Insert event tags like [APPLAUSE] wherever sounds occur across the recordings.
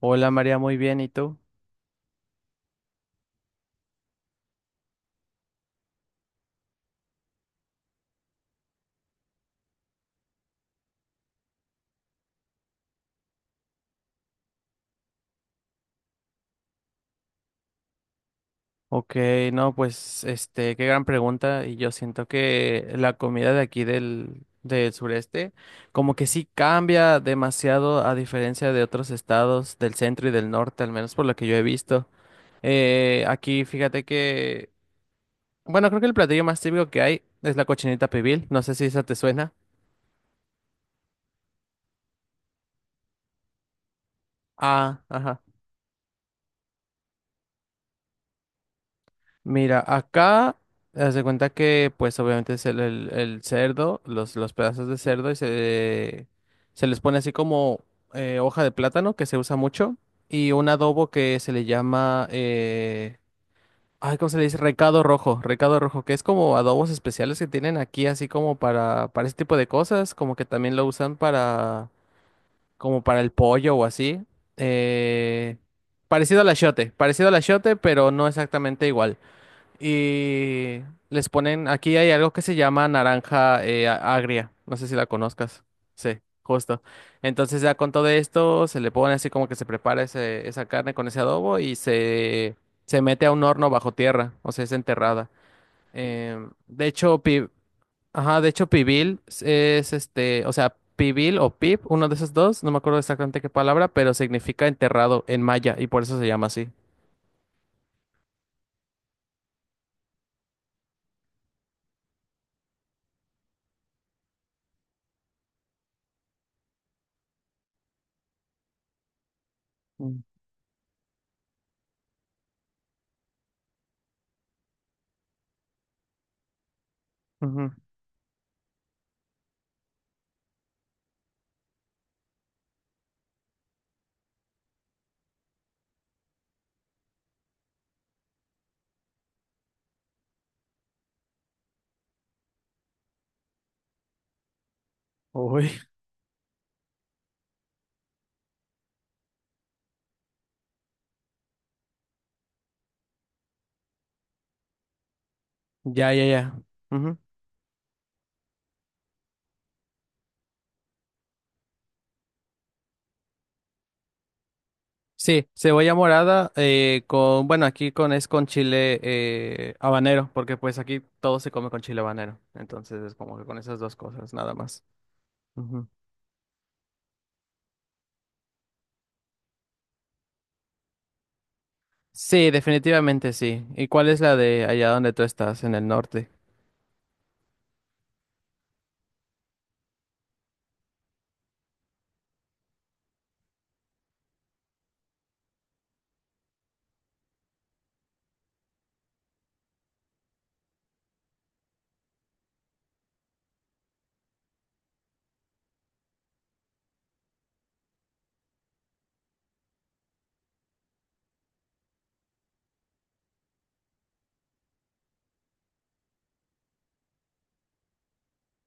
Hola María, muy bien, ¿y tú? Ok, no, pues qué gran pregunta. Y yo siento que la comida de aquí del sureste, como que sí cambia demasiado a diferencia de otros estados del centro y del norte, al menos por lo que yo he visto. Aquí fíjate que Bueno, creo que el platillo más típico que hay es la cochinita pibil. No sé si esa te suena. Ah, ajá. Mira, acá haz de cuenta que, pues, obviamente es el cerdo, los pedazos de cerdo, se les pone así como hoja de plátano que se usa mucho y un adobo que se le llama, ay, ¿cómo se le dice? Recado rojo, que es como adobos especiales que tienen aquí así como para ese tipo de cosas, como que también lo usan para como para el pollo o así. Eh, parecido al parecido al achiote, pero no exactamente igual. Y les ponen, aquí hay algo que se llama naranja agria, no sé si la conozcas. Sí, justo. Entonces ya con todo esto se le pone así como que se prepara esa carne con ese adobo, se mete a un horno bajo tierra, o sea, es enterrada. De hecho, ajá, de hecho, pibil es este, o sea, pibil o pip, uno de esos dos, no me acuerdo exactamente qué palabra, pero significa enterrado en maya y por eso se llama así. Mm. Ujú. Uy. Ya, ya, ya. Ujú. Sí, cebolla morada con, bueno, aquí con es con chile habanero, porque pues aquí todo se come con chile habanero, entonces es como que con esas dos cosas, nada más. Ujú. Sí, definitivamente sí. ¿Y cuál es la de allá donde tú estás, en el norte?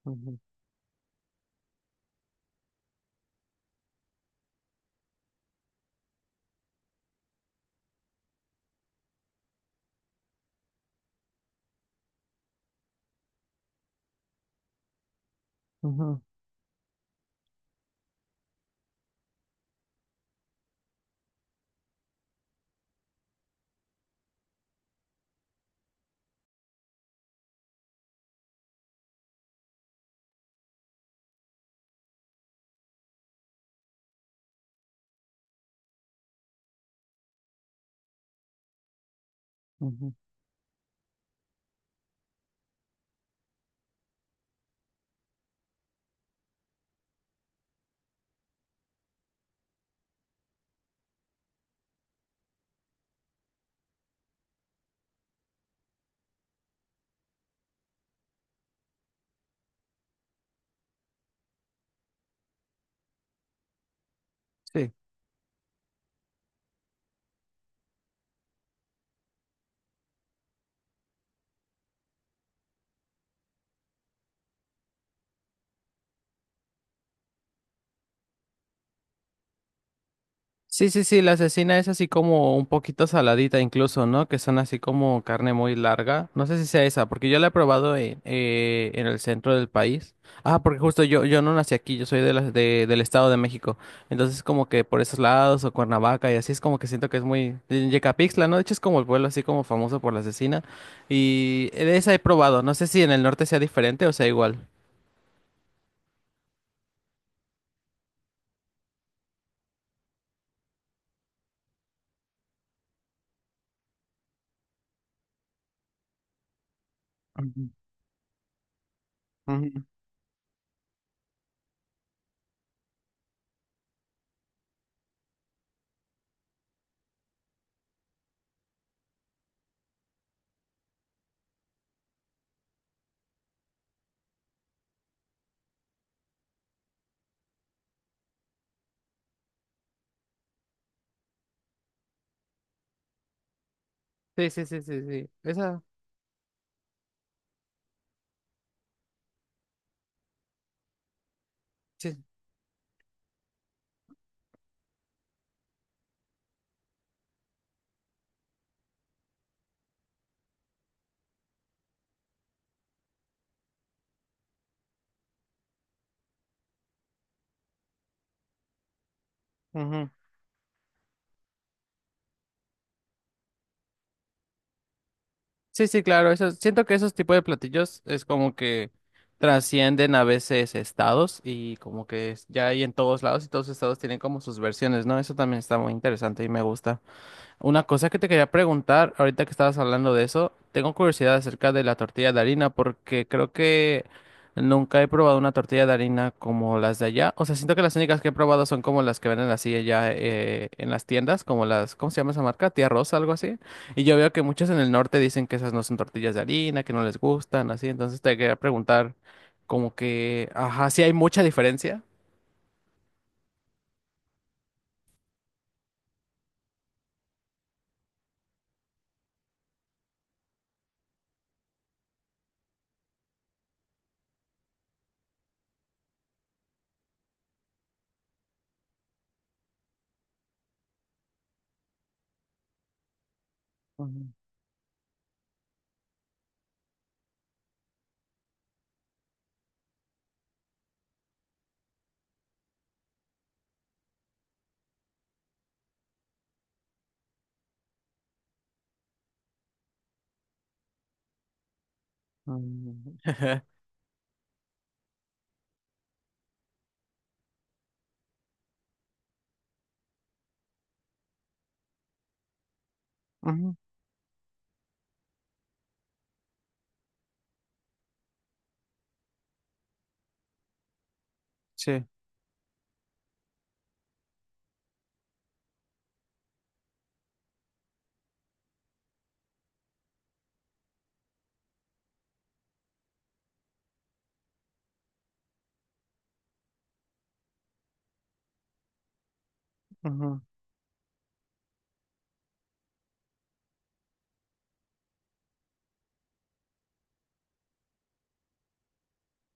Ujú, ujú, ujú. Sí. Sí, sí, sí, la asesina es así como un poquito saladita incluso, ¿no? Que son así como carne muy larga. No sé si sea esa, porque yo la he probado en en el centro del país. Ah, porque justo yo no nací aquí, yo soy de del Estado de México. Entonces como que por esos lados o Cuernavaca y así es como que siento que es muy... en Yecapixtla, ¿no? De hecho es como el pueblo así como famoso por la asesina. Y de esa he probado. No sé si en el norte sea diferente o sea igual. Ujú, ujú. Sí, sí, sí, sí, sí. Esa... sí. Ujú. Sí, sí, claro, eso, siento que esos tipos de platillos es como que trascienden a veces estados y como que ya hay en todos lados y todos los estados tienen como sus versiones, ¿no? Eso también está muy interesante y me gusta. Una cosa que te quería preguntar, ahorita que estabas hablando de eso, tengo curiosidad acerca de la tortilla de harina, porque creo que nunca he probado una tortilla de harina como las de allá. O sea, siento que las únicas que he probado son como las que venden así allá en las tiendas, como las, ¿cómo se llama esa marca? Tía Rosa, algo así. Y yo veo que muchos en el norte dicen que esas no son tortillas de harina, que no les gustan, así. Entonces te quería preguntar, como que, ajá, sí hay mucha diferencia. Ujú, ujú, [LAUGHS] ujú, sí. Ujú,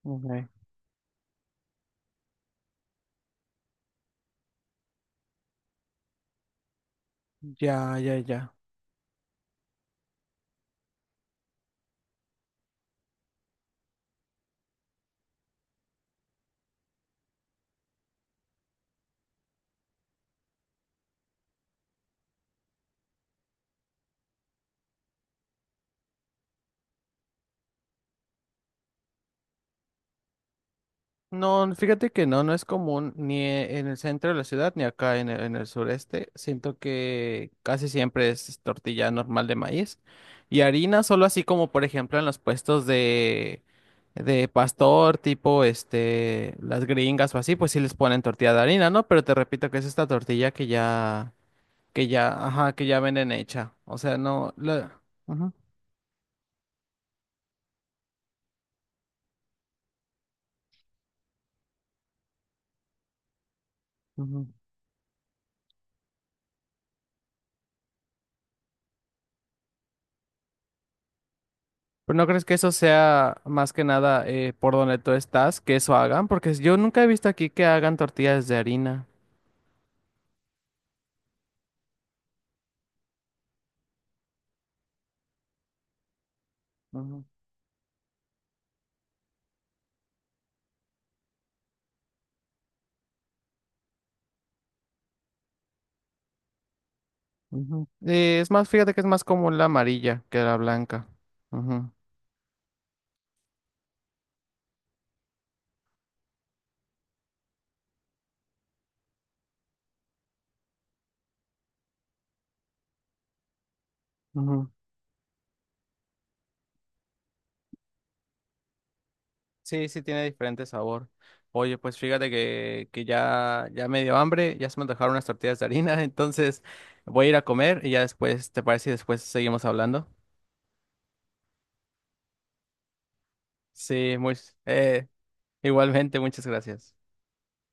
ok. Ya, ya, ya. No, fíjate que no, no es común ni en el centro de la ciudad ni acá en en el sureste. Siento que casi siempre es tortilla normal de maíz y harina, solo así como por ejemplo en los puestos de pastor, tipo este, las gringas o así, pues sí les ponen tortilla de harina, ¿no? Pero te repito que es esta tortilla que ya, ajá, que ya venden hecha. O sea, no, la... Ujú, ujú. Pero ¿no crees que eso sea más que nada por donde tú estás, que eso hagan? Porque yo nunca he visto aquí que hagan tortillas de harina. Ujú, ujú. Es más, fíjate que es más común la amarilla que la blanca. Ujú, ujú. Sí, sí, tiene diferente sabor. Oye, pues fíjate que ya me dio hambre, ya se me antojaron unas tortillas de harina, [LAUGHS] entonces voy a ir a comer y ya después, ¿te parece? Y después seguimos hablando. Sí, eh, igualmente, muchas gracias.